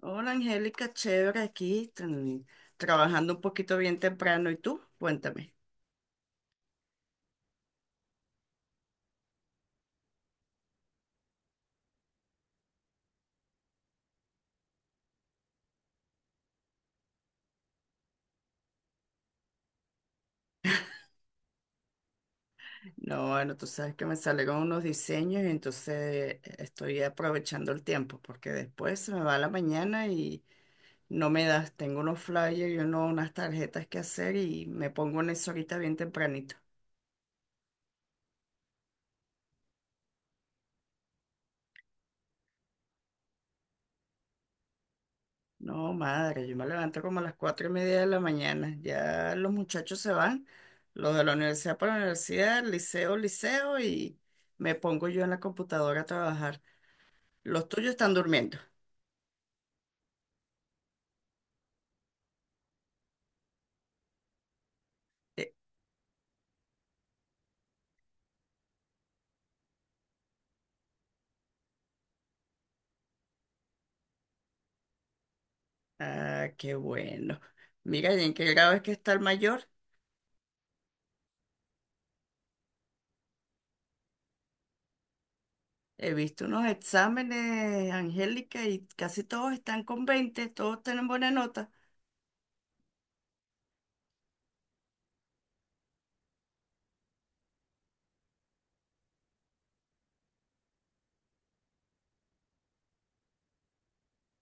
Hola Angélica, chévere aquí, trabajando un poquito bien temprano. ¿Y tú? Cuéntame. No, bueno, tú sabes que me salieron unos diseños y entonces estoy aprovechando el tiempo porque después se me va la mañana y no me das. Tengo unos flyers y unas tarjetas que hacer y me pongo en eso ahorita bien tempranito. No, madre, yo me levanto como a las 4:30 de la mañana. Ya los muchachos se van, los de la universidad para la universidad, liceo, liceo, y me pongo yo en la computadora a trabajar. Los tuyos están durmiendo. Eh, ah, qué bueno. Mira, ¿y en qué grado es que está el mayor? He visto unos exámenes, Angélica, y casi todos están con 20. Todos tienen buena nota.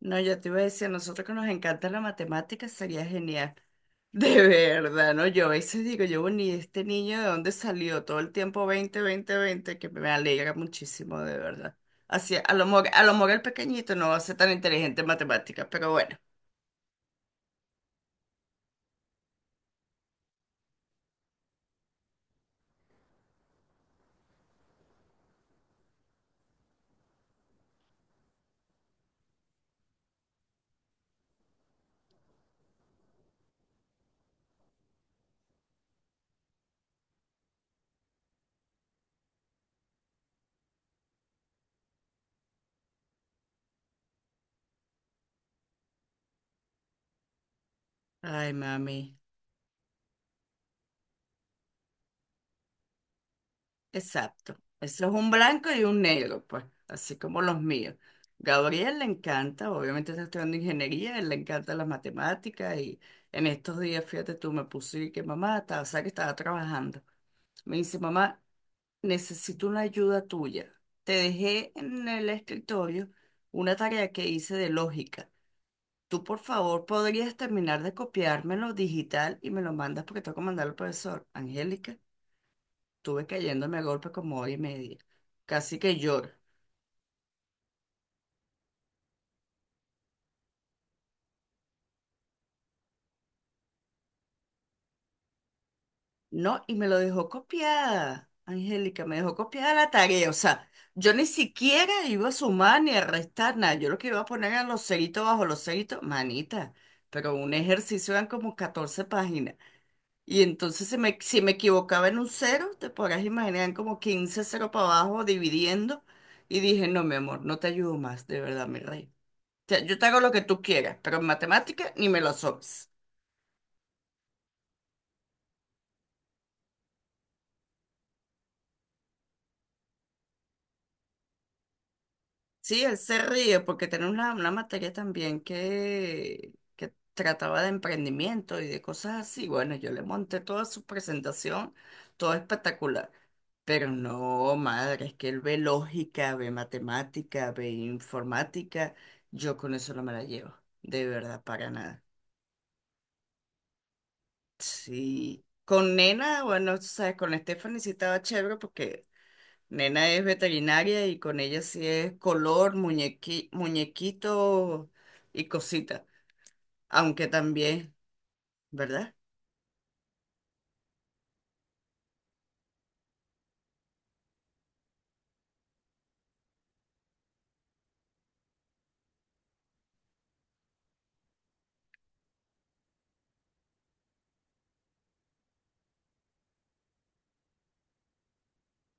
No, yo te iba a decir, a nosotros que nos encanta la matemática, sería genial. De verdad, ¿no? Yo a veces digo, yo, bueno, ¿y este niño de dónde salió? Todo el tiempo 20, 20, 20 que me alegra muchísimo, de verdad. Así, a lo mejor el pequeñito no va a ser tan inteligente en matemáticas, pero bueno. Ay, mami, exacto. Eso es un blanco y un negro, pues, así como los míos. Gabriel le encanta, obviamente está estudiando ingeniería, él le encanta las matemáticas y en estos días, fíjate tú, me puse y que mamá, estaba, o sea, que estaba trabajando. Me dice, mamá, necesito una ayuda tuya. Te dejé en el escritorio una tarea que hice de lógica. Tú, por favor, podrías terminar de copiármelo digital y me lo mandas porque tengo que mandarlo al profesor. Angélica, tuve cayéndome a golpe como hora y media. Casi que lloro. No, y me lo dejó copiada. Angélica, me dejó copiada la tarea. O sea, yo ni siquiera iba a sumar ni a restar nada. Yo lo que iba a poner era los ceritos bajo los ceritos. Manita, pero un ejercicio eran como 14 páginas. Y entonces si me equivocaba en un cero, te podrás imaginar como 15 cero para abajo dividiendo. Y dije, no, mi amor, no te ayudo más, de verdad, mi rey. O sea, yo te hago lo que tú quieras, pero en matemática ni me lo sobes. Sí, él se ríe porque tenemos una materia también que trataba de emprendimiento y de cosas así. Bueno, yo le monté toda su presentación, todo espectacular. Pero no, madre, es que él ve lógica, ve matemática, ve informática. Yo con eso no me la llevo, de verdad, para nada. Sí. Con Nena, bueno, tú sabes, con Stephanie sí estaba chévere porque Nena es veterinaria y con ella sí es color, muñequito y cosita. Aunque también, ¿verdad?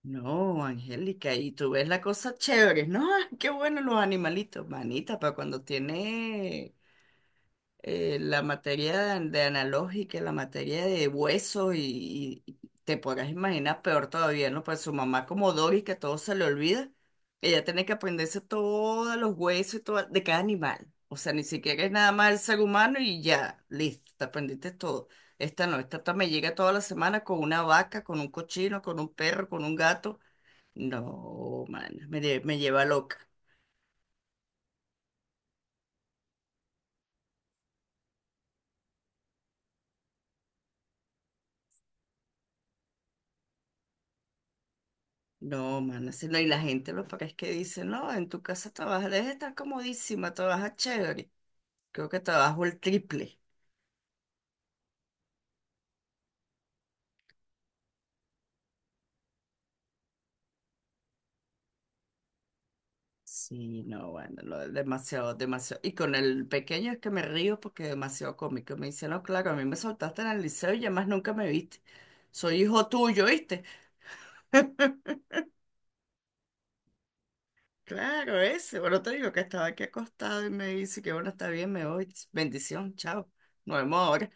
No, Angélica, y tú ves la cosa chévere. No, qué bueno los animalitos, manita, para cuando tiene la materia de analógica, la materia de hueso y te podrás imaginar peor todavía, ¿no? Pues su mamá como Dory, que todo se le olvida, ella tiene que aprenderse todos los huesos y todo, de cada animal. O sea, ni siquiera es nada más el ser humano y ya, listo, te aprendiste todo. Esta no, me llega toda la semana con una vaca, con un cochino, con un perro, con un gato. No, man, me lleva loca. No, mana, sí, no, y la gente lo que es que dice, no, en tu casa trabajas, debes estar comodísima, trabajas chévere. Creo que trabajo el triple. Sí, no, bueno, no, demasiado, demasiado. Y con el pequeño es que me río porque es demasiado cómico. Me dice, no, claro, a mí me soltaste en el liceo y ya más nunca me viste. Soy hijo tuyo, ¿viste? Claro, ese. Bueno, te digo que estaba aquí acostado y me dice que bueno, está bien, me voy. Bendición, chao. Nos vemos ahora.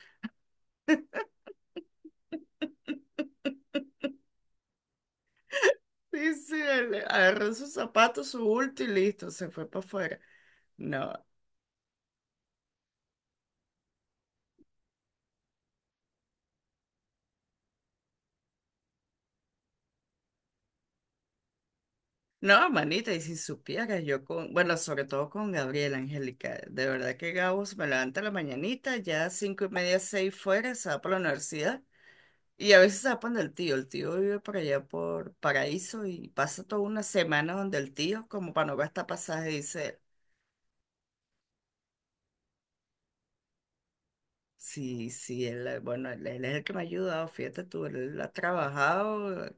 Sí, sí, él agarró sus zapatos, su bulto y listo, se fue para afuera. No, no, manita, y si supieras yo con, bueno, sobre todo con Gabriela Angélica, de verdad que Gabo se me levanta a la mañanita, ya 5:30, 6 fuera, se va para la universidad, y a veces se va para donde el tío vive por allá por Paraíso y pasa toda una semana donde el tío, como para no gastar pasaje, dice, sí, sí, él, bueno, él es el que me ha ayudado, fíjate tú, él ha trabajado.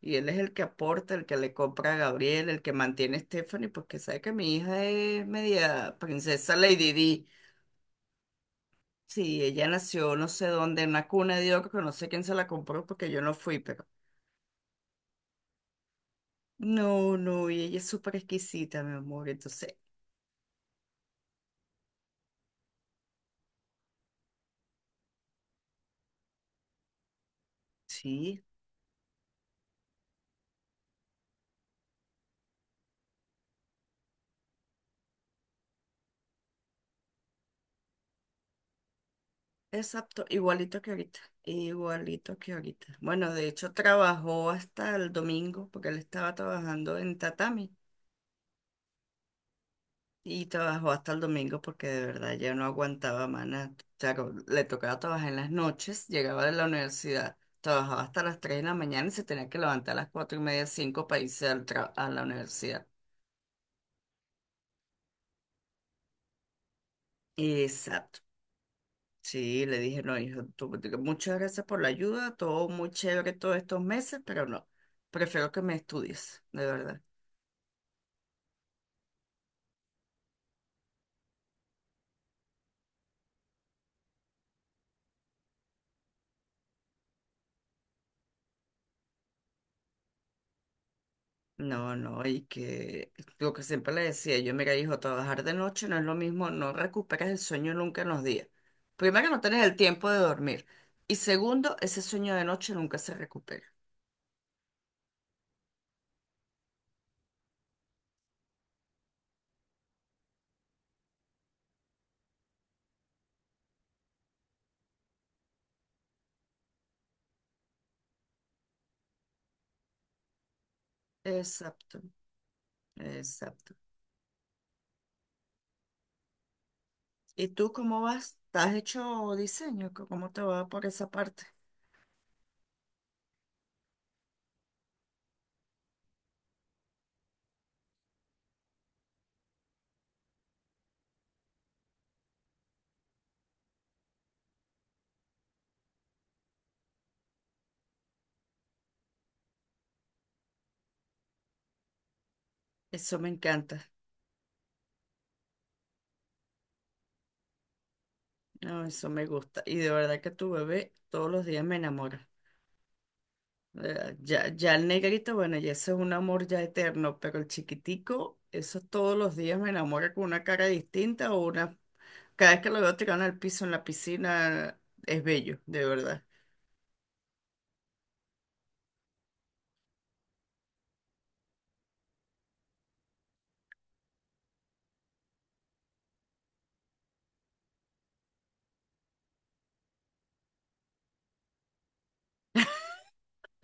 Y él es el que aporta, el que le compra a Gabriel, el que mantiene a Stephanie, porque sabe que mi hija es media princesa Lady Di. Sí, ella nació no sé dónde, en una cuna de oro, que no sé quién se la compró porque yo no fui, pero... No, no, y ella es súper exquisita, mi amor. Entonces, sí, exacto, igualito que ahorita, igualito que ahorita. Bueno, de hecho trabajó hasta el domingo porque él estaba trabajando en tatami. Y trabajó hasta el domingo porque de verdad ya no aguantaba, mana. O sea, le tocaba trabajar en las noches, llegaba de la universidad, trabajaba hasta las 3 de la mañana y se tenía que levantar a las 4:30, 5 para irse al a la universidad. Exacto. Sí, le dije, no, hijo, muchas gracias por la ayuda, todo muy chévere todos estos meses, pero no, prefiero que me estudies, de verdad. No, no, y que lo que siempre le decía, yo mira, hijo, trabajar de noche no es lo mismo, no recuperas el sueño nunca en los días. Primero, no tienes el tiempo de dormir. Y segundo, ese sueño de noche nunca se recupera. Exacto, exacto. ¿Y tú cómo vas? ¿Te has hecho diseño? ¿Cómo te va por esa parte? Eso me encanta, no, eso me gusta. Y de verdad que tu bebé todos los días me enamora. Ya, ya el negrito, bueno, ya ese es un amor ya eterno, pero el chiquitico, eso todos los días me enamora con una cara distinta o una... Cada vez que lo veo tirado al piso en la piscina, es bello, de verdad.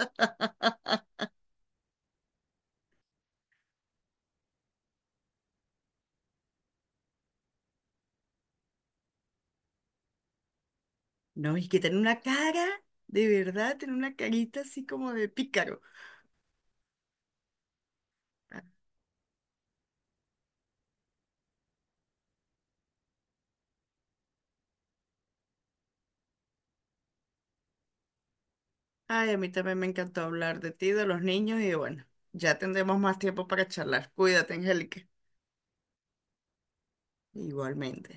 No, y que tiene una cara, de verdad, tiene una carita así como de pícaro. Ay, a mí también me encantó hablar de ti, de los niños y bueno, ya tendremos más tiempo para charlar. Cuídate, Angélica. Igualmente.